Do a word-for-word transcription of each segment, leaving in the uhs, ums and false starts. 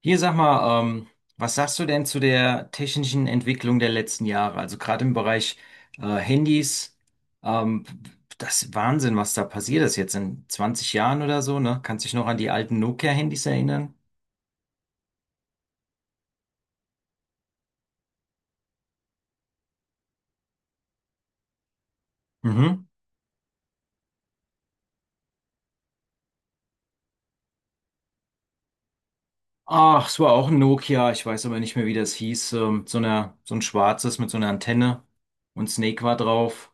Hier sag mal, ähm, was sagst du denn zu der technischen Entwicklung der letzten Jahre? Also gerade im Bereich äh, Handys, ähm, das ist Wahnsinn, was da passiert ist jetzt in zwanzig Jahren oder so, ne? Kannst dich noch an die alten Nokia-Handys erinnern? Mhm. Ach, es war auch ein Nokia, ich weiß aber nicht mehr, wie das hieß. Ähm, so einer, so ein schwarzes mit so einer Antenne und Snake war drauf.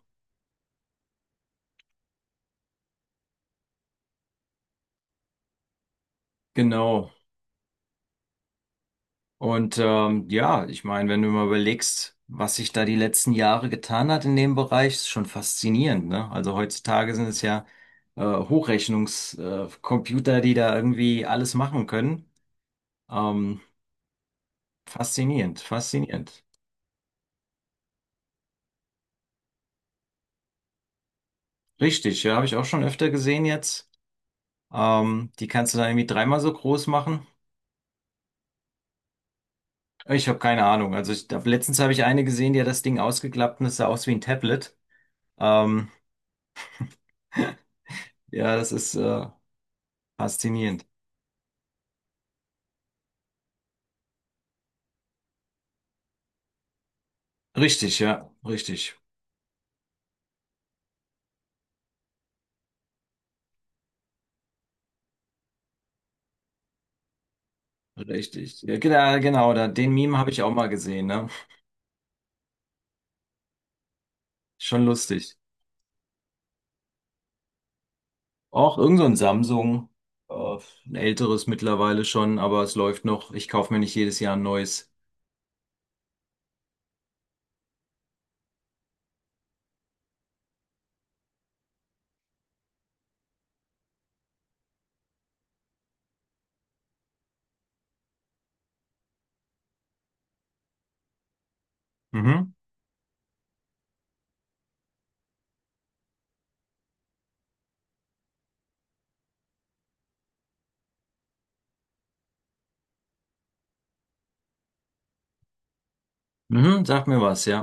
Genau. Und ähm, ja, ich meine, wenn du mal überlegst, was sich da die letzten Jahre getan hat in dem Bereich, ist schon faszinierend, ne? Also heutzutage sind es ja äh, Hochrechnungscomputer, äh, Computer, die da irgendwie alles machen können. Ähm, faszinierend, faszinierend. Richtig, ja, habe ich auch schon öfter gesehen jetzt. Ähm, die kannst du dann irgendwie dreimal so groß machen. Ich habe keine Ahnung. Also ich, da- letztens habe ich eine gesehen, die hat das Ding ausgeklappt und es sah aus wie ein Tablet. Ähm, ja, das ist äh, faszinierend. Richtig, ja, richtig, richtig. Ja, genau, genau, da, den Meme habe ich auch mal gesehen, ne? Schon lustig. Auch irgend so ein Samsung, äh, ein älteres mittlerweile schon, aber es läuft noch. Ich kaufe mir nicht jedes Jahr ein neues. Mhm. Mhm, sag mir was, ja.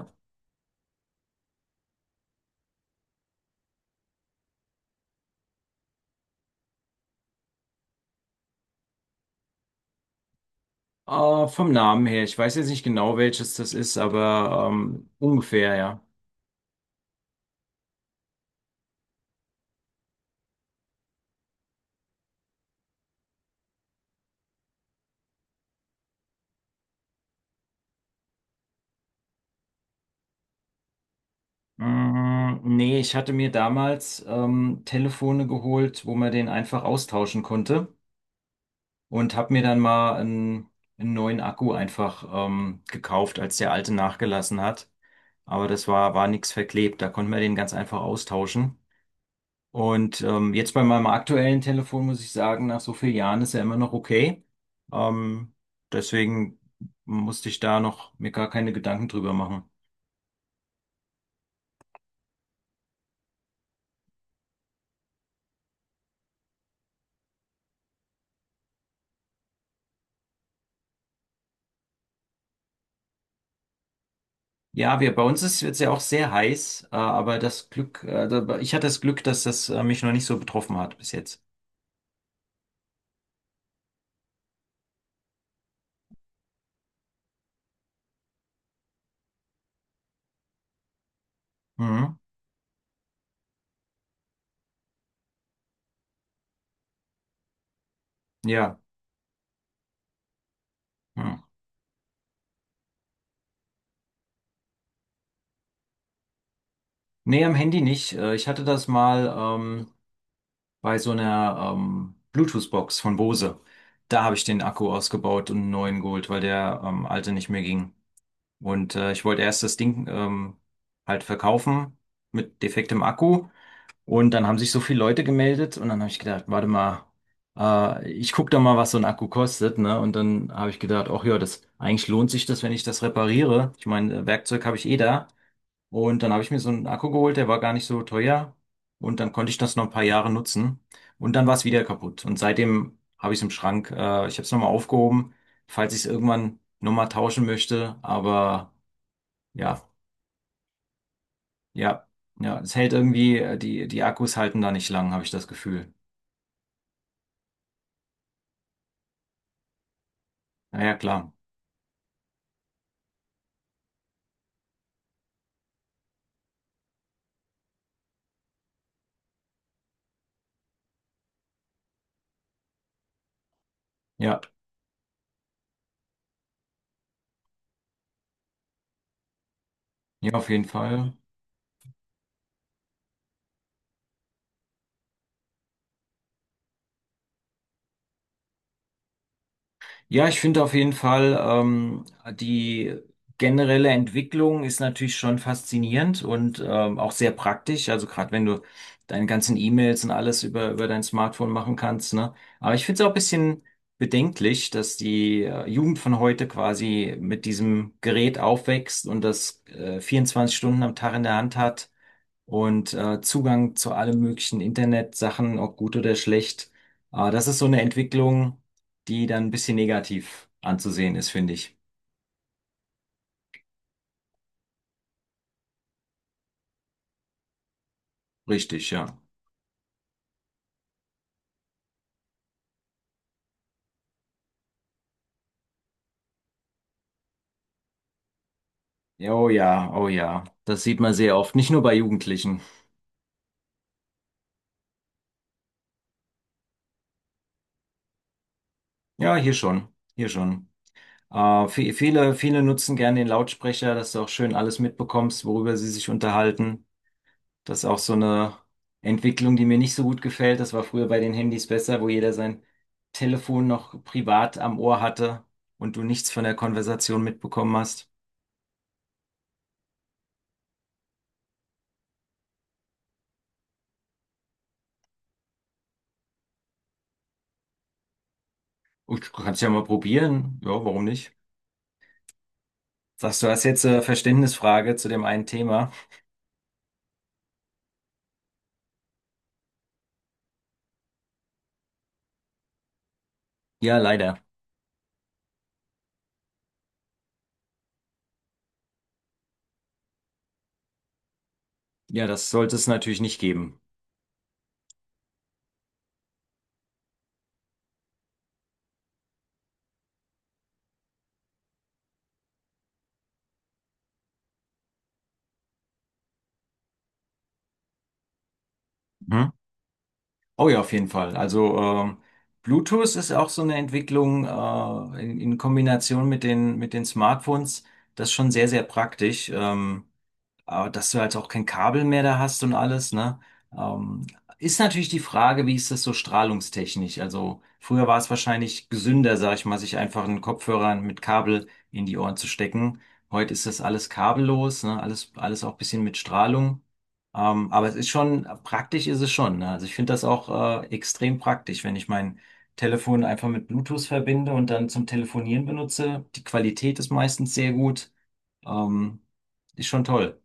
Äh, vom Namen her, ich weiß jetzt nicht genau, welches das ist, aber ähm, ungefähr, ja. Mm, nee, ich hatte mir damals ähm, Telefone geholt, wo man den einfach austauschen konnte. Und habe mir dann mal einen, einen neuen Akku einfach ähm, gekauft, als der alte nachgelassen hat. Aber das war, war nichts verklebt, da konnte man den ganz einfach austauschen. Und ähm, jetzt bei meinem aktuellen Telefon muss ich sagen, nach so vielen Jahren ist er immer noch okay. Ähm, deswegen musste ich da noch mir gar keine Gedanken drüber machen. Ja, wir, bei uns ist es ja auch sehr heiß, äh, aber das Glück, äh, da- ich hatte das Glück, dass das äh, mich noch nicht so betroffen hat bis jetzt. Mhm. Ja. Mhm. Nee, am Handy nicht. Äh, Ich hatte das mal ähm, bei so einer ähm, Bluetooth-Box von Bose. Da habe ich den Akku ausgebaut und einen neuen geholt, weil der ähm, alte nicht mehr ging. Und äh, ich wollte erst das Ding ähm, halt verkaufen mit defektem Akku. Und dann haben sich so viele Leute gemeldet und dann habe ich gedacht, warte mal, äh, ich gucke doch mal, was so ein Akku kostet, ne? Und dann habe ich gedacht, ach ja, das eigentlich lohnt sich das, wenn ich das repariere. Ich meine, Werkzeug habe ich eh da. Und dann habe ich mir so einen Akku geholt, der war gar nicht so teuer. Und dann konnte ich das noch ein paar Jahre nutzen. Und dann war es wieder kaputt. Und seitdem habe ich es im Schrank. Äh, ich habe es nochmal aufgehoben, falls ich es irgendwann nochmal tauschen möchte. Aber ja, ja, ja, es hält irgendwie, äh, die, die Akkus halten da nicht lang, habe ich das Gefühl. Naja, klar. Ja, ja, auf jeden Fall. Ja, ich finde auf jeden Fall, ähm, die generelle Entwicklung ist natürlich schon faszinierend und ähm, auch sehr praktisch. Also gerade wenn du deine ganzen E-Mails und alles über, über dein Smartphone machen kannst, ne? Aber ich finde es auch ein bisschen bedenklich, dass die äh, Jugend von heute quasi mit diesem Gerät aufwächst und das äh, vierundzwanzig Stunden am Tag in der Hand hat und äh, Zugang zu allen möglichen Internetsachen, ob gut oder schlecht. Äh, das ist so eine Entwicklung, die dann ein bisschen negativ anzusehen ist, finde ich. Richtig, ja. Ja, oh ja, oh ja. Das sieht man sehr oft, nicht nur bei Jugendlichen. Ja, hier schon, hier schon. Äh, vi- viele, viele nutzen gerne den Lautsprecher, dass du auch schön alles mitbekommst, worüber sie sich unterhalten. Das ist auch so eine Entwicklung, die mir nicht so gut gefällt. Das war früher bei den Handys besser, wo jeder sein Telefon noch privat am Ohr hatte und du nichts von der Konversation mitbekommen hast. Oh, du kannst ja mal probieren. Ja, warum nicht? Sagst du, hast jetzt eine Verständnisfrage zu dem einen Thema? Ja, leider. Ja, das sollte es natürlich nicht geben. Hm? Oh ja, auf jeden Fall. Also ähm, Bluetooth ist auch so eine Entwicklung äh, in, in Kombination mit den, mit den Smartphones. Das ist schon sehr, sehr praktisch. Ähm, Aber dass du halt auch kein Kabel mehr da hast und alles, ne? Ähm, ist natürlich die Frage, wie ist das so strahlungstechnisch? Also früher war es wahrscheinlich gesünder, sag ich mal, sich einfach einen Kopfhörer mit Kabel in die Ohren zu stecken. Heute ist das alles kabellos, ne? Alles, alles auch ein bisschen mit Strahlung. Ähm, aber es ist schon, praktisch ist es schon, ne? Also ich finde das auch äh, extrem praktisch, wenn ich mein Telefon einfach mit Bluetooth verbinde und dann zum Telefonieren benutze. Die Qualität ist meistens sehr gut. Ähm, ist schon toll.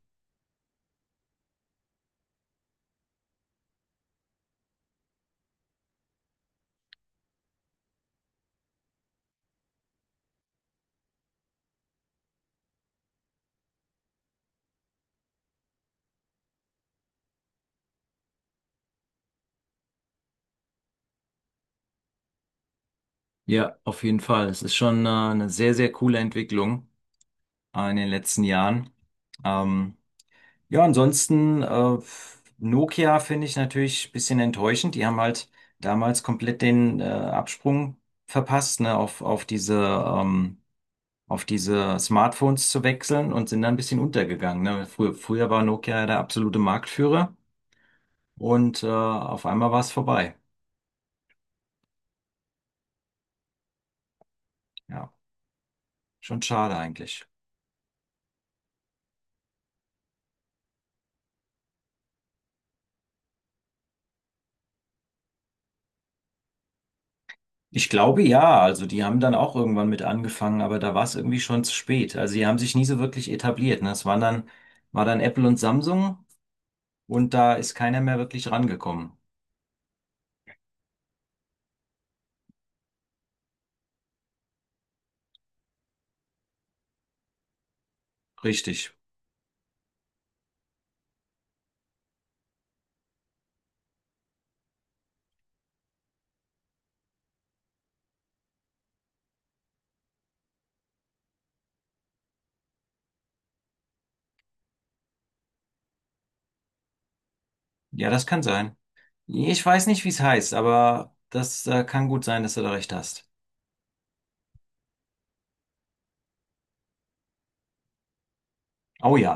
Ja, auf jeden Fall. Es ist schon äh, eine sehr, sehr coole Entwicklung äh, in den letzten Jahren. Ähm, ja, ansonsten, äh, Nokia finde ich natürlich ein bisschen enttäuschend. Die haben halt damals komplett den äh, Absprung verpasst, ne, auf, auf diese, ähm, auf diese Smartphones zu wechseln und sind dann ein bisschen untergegangen. Ne? Früher, früher war Nokia ja der absolute Marktführer und äh, auf einmal war es vorbei. Ja, schon schade eigentlich. Ich glaube ja, also die haben dann auch irgendwann mit angefangen, aber da war es irgendwie schon zu spät. Also die haben sich nie so wirklich etabliert. Ne? Es waren dann, war dann Apple und Samsung und da ist keiner mehr wirklich rangekommen. Richtig. Ja, das kann sein. Ich weiß nicht, wie es heißt, aber das äh, kann gut sein, dass du da recht hast. Oh ja.